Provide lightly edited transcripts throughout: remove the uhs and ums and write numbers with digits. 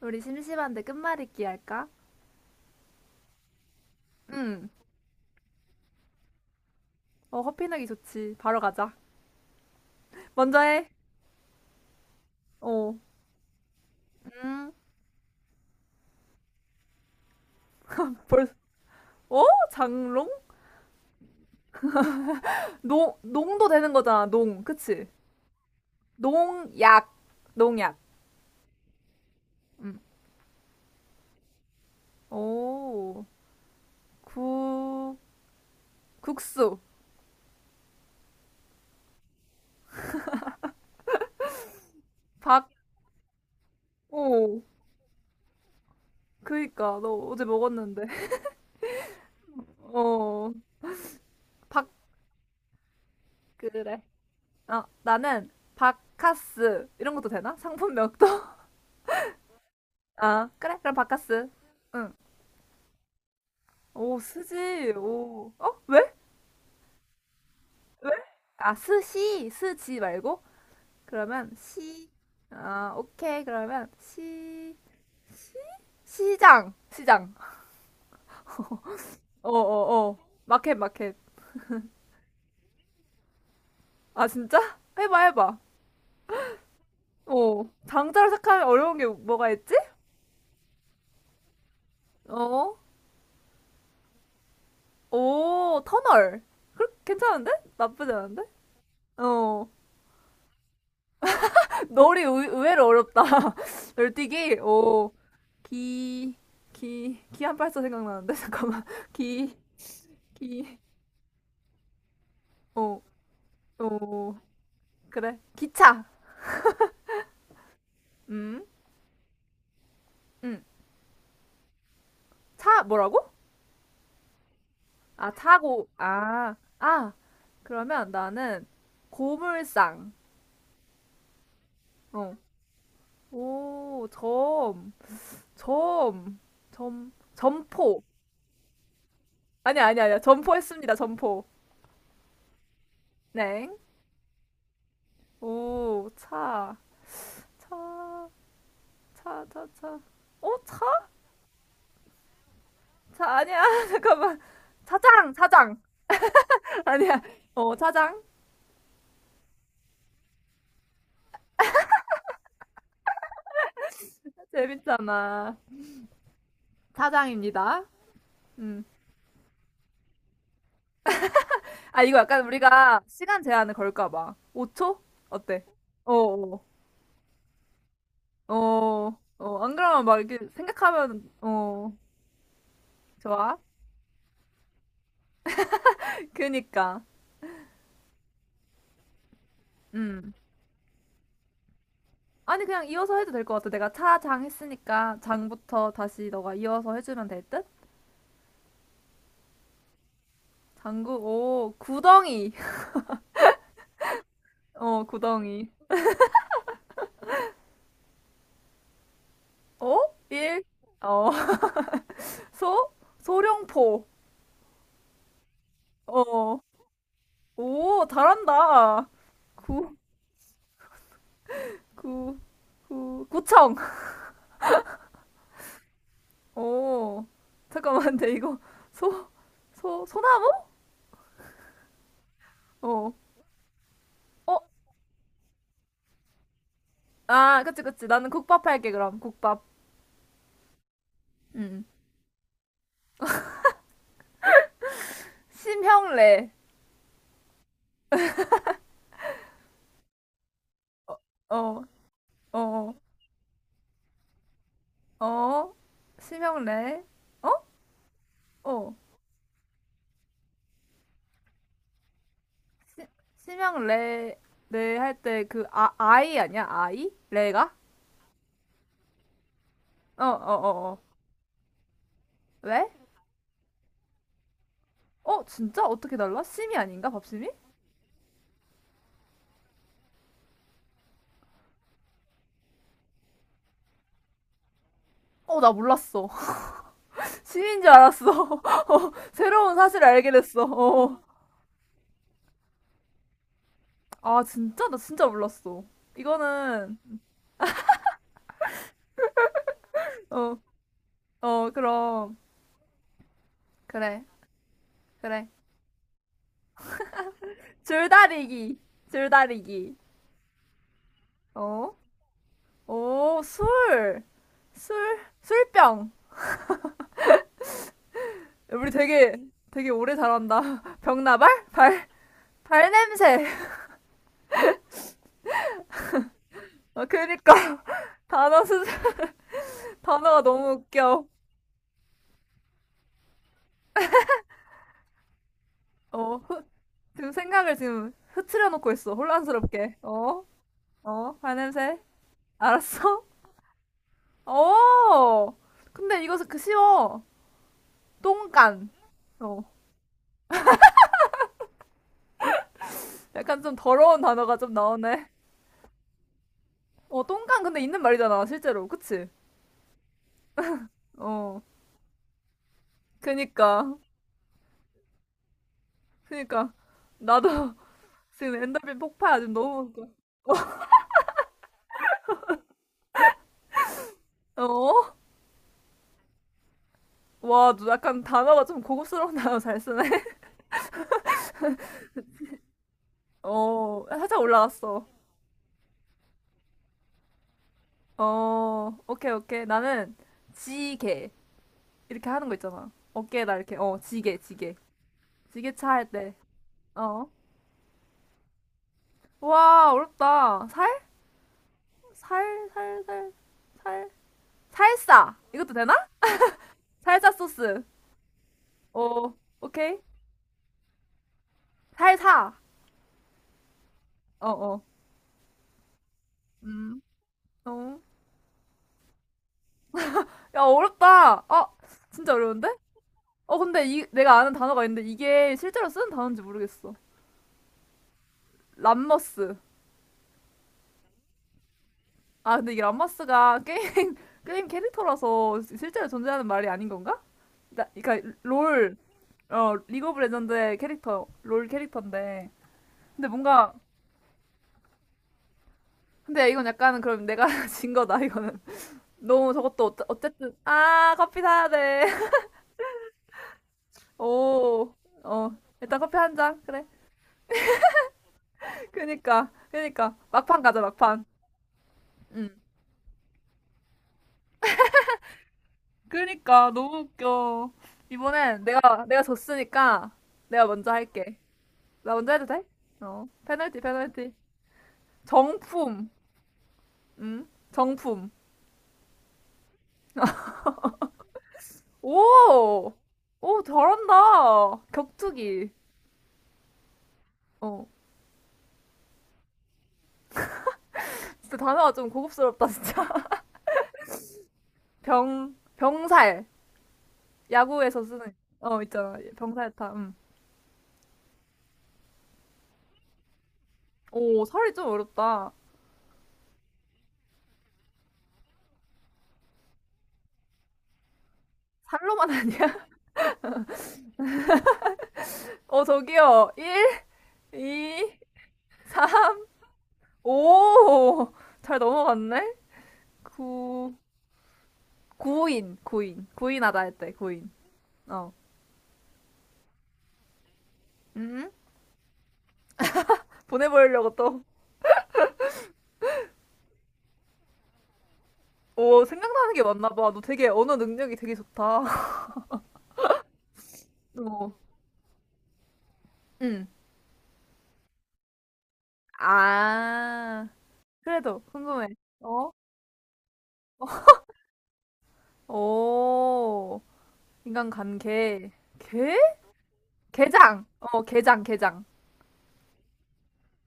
우리 심심한데 끝말잇기 할까? 응. 어, 커피 내기 좋지. 바로 가자. 먼저 해. 어. 음. 벌써. 어? 장롱? 농, 농도 되는 거잖아, 농. 그치? 농약. 농약. 음. 오. 구, 국수. 박, 오. 그니까, 너 어제 먹었는데. 어. 박, 그래. 아, 나는 바카스. 이런 것도 되나? 상품명도? 아, 그래. 그럼 바카스. 응. 오, 스지. 오. 어? 왜? 왜? 아, 스시. 스지 말고? 그러면 시. 아, 오케이. 그러면 시. 시장. 시장. 어, 어, 어. 마켓, 마켓. 아, 진짜? 해봐, 해봐. 어. 장자로 시작하면 어려운 게 뭐가 있지? 어. 오, 터널. 그, 괜찮은데? 나쁘지 않은데? 어. 널이 의외로 어렵다. 널뛰기. 오. 기, 기, 기안팔사 생각나는데 잠깐만. 기, 기, 오, 오. 그래. 기차. 음, 음. 차 뭐라고? 아, 차고. 아, 아. 그러면 나는 고물상. 어. 오, 점, 점, 점, 점포. 아니, 아니, 아니야. 점포했습니다. 점포. 네. 오, 차, 차. 차, 차, 차. 어, 차? 차 아니야. 잠깐만. 차장, 차장. 아니야. 어, 차장. 재밌잖아. 차장입니다. 음. 아, 이거 약간 우리가 시간 제한을 걸까 봐. 5초? 어때? 어, 어, 어, 어. 안 그러면 막 이렇게 생각하면, 어, 좋아. 그니까. 음. 아니, 그냥 이어서 해도 될 것 같아. 내가 차장 했으니까 장부터 다시 너가 이어서 해주면 될 듯? 장구, 오, 구덩이. 어, 구덩이. 어? 일, 어, 소, 소룡포. 어, 오, 잘한다. 구, 구, 구, 구청. 오, 잠깐만, 근데 이거 소, 소, 소나무? 어, 어, 아, 그치, 그치. 나는 국밥 할게, 그럼. 국밥. 음. 심형래. 어, 어, 어, 심형래. 어? 어. 시, 심형래, 래 할 때 그, 아, 아이 아니야? 아이? 레가? 어, 어, 어, 어. 왜? 어, 진짜? 어떻게 달라? 심이 아닌가? 밥심이? 어, 나 몰랐어. 심인 줄 알았어. 어, 새로운 사실을 알게 됐어. 어. 아, 진짜? 나 진짜 몰랐어. 이거는, 어, 어, 그럼. 그래, 그래. 줄다리기. 줄다리기. 어? 오, 술. 술, 술병. 우리 되게, 되게 오래 잘한다. 병나발? 발, 발냄새. 어, 그니까. 단어 스, 단어가 너무 웃겨. 어, 지금 생각을 지금 흐트려 놓고 있어. 혼란스럽게. 어? 어? 발냄새? 알았어? 어! 근데 이것은 그 쉬워. 똥간. 어. 약간 좀 더러운 단어가 좀 나오네. 어, 똥간 근데 있는 말이잖아, 실제로. 그치? 어. 그니까. 그니까. 나도 지금 엔더빈 폭파야. 지금 너무. 웃겨. 어? 와, 너 약간 단어가 좀 고급스러운 단어 잘 쓰네. 어, 살짝 올라갔어. 어, 오케이, 오케이. 나는 지게. 이렇게 하는 거 있잖아. 어깨에다 이렇게, 어, 지게, 지게. 지게차 할 때, 어. 와, 어렵다. 살? 살, 살, 살, 살. 살사! 이것도 되나? 살사 소스. 어, 오케이. 살사. 어, 어. 음, 어. 야, 어렵다. 아, 진짜 어려운데? 어, 근데 이, 내가 아는 단어가 있는데 이게 실제로 쓰는 단어인지 모르겠어. 람머스. 아, 근데 이게 람머스가 게임, 게임 캐릭터라서 실제로 존재하는 말이 아닌 건가? 나, 그러니까 롤, 어 리그 오브 레전드의 캐릭터 롤 캐릭터인데 근데 뭔가 근데 이건 약간은 그럼 내가 진 거다 이거는 너무 저것도 어째- 어쨌든 아 커피 사야 돼오어 일단 커피 한잔 그래 그니까 그니까 막판 가자 막판 응 그니까 너무 웃겨 이번엔 내가 졌으니까 내가 먼저 할게 나 먼저 해도 돼? 어 페널티 페널티 정품 응 정품 오! 오, 잘한다. 격투기. 어. 진짜 단어가 좀 고급스럽다, 진짜. 병, 병살. 야구에서 쓰는, 어, 있잖아. 병살타. 음. 오, 살이 좀 어렵다. 살로만 아니야? 어, 저기요. 1, 2, 4, 오잘 넘어갔네? 구, 구인, 구인. 구인하다 했대, 구인. 어. 음? 보내보려고 또. 오, 생각나는 게 많나 봐. 너 되게 언어 능력이 되게 좋다. 어. 응. 아, 그래도 궁금해. 어? 오, 인간간 계 개? 개장. 어, 개장, 개장.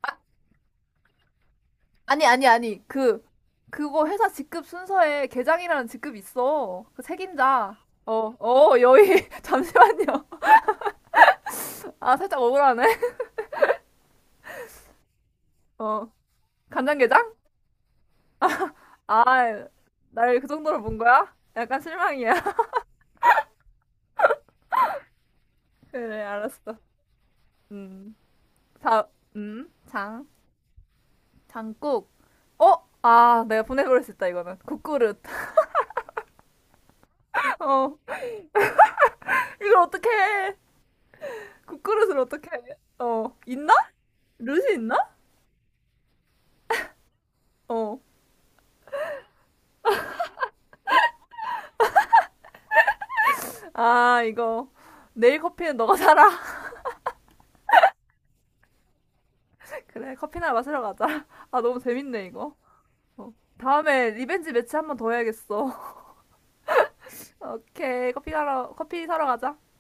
아, 아니, 아니, 아니. 그거 회사 직급 순서에 개장이라는 직급 있어. 그 책임자. 어, 어, 여의. 잠시만요. 아, 살짝 억울하네. 어, 간장게장? 아, 날 그 정도로 본 거야? 약간 실망이야. 그래, 알았어. 음, 자, 장. 장국. 어? 아, 내가 보내버릴 수 있다, 이거는. 국그릇. 어. 이걸 어떡해. 국그릇을 어떡해. 어. 있나? 룻이 있나? 어. 아, 이거. 내일 커피는 너가 사라. 그래, 커피나 마시러 가자. 아, 너무 재밌네, 이거. 어. 다음에 리벤지 매치 한번 더 해야겠어. 오케이. 커피 사러, 커피 사러 가자.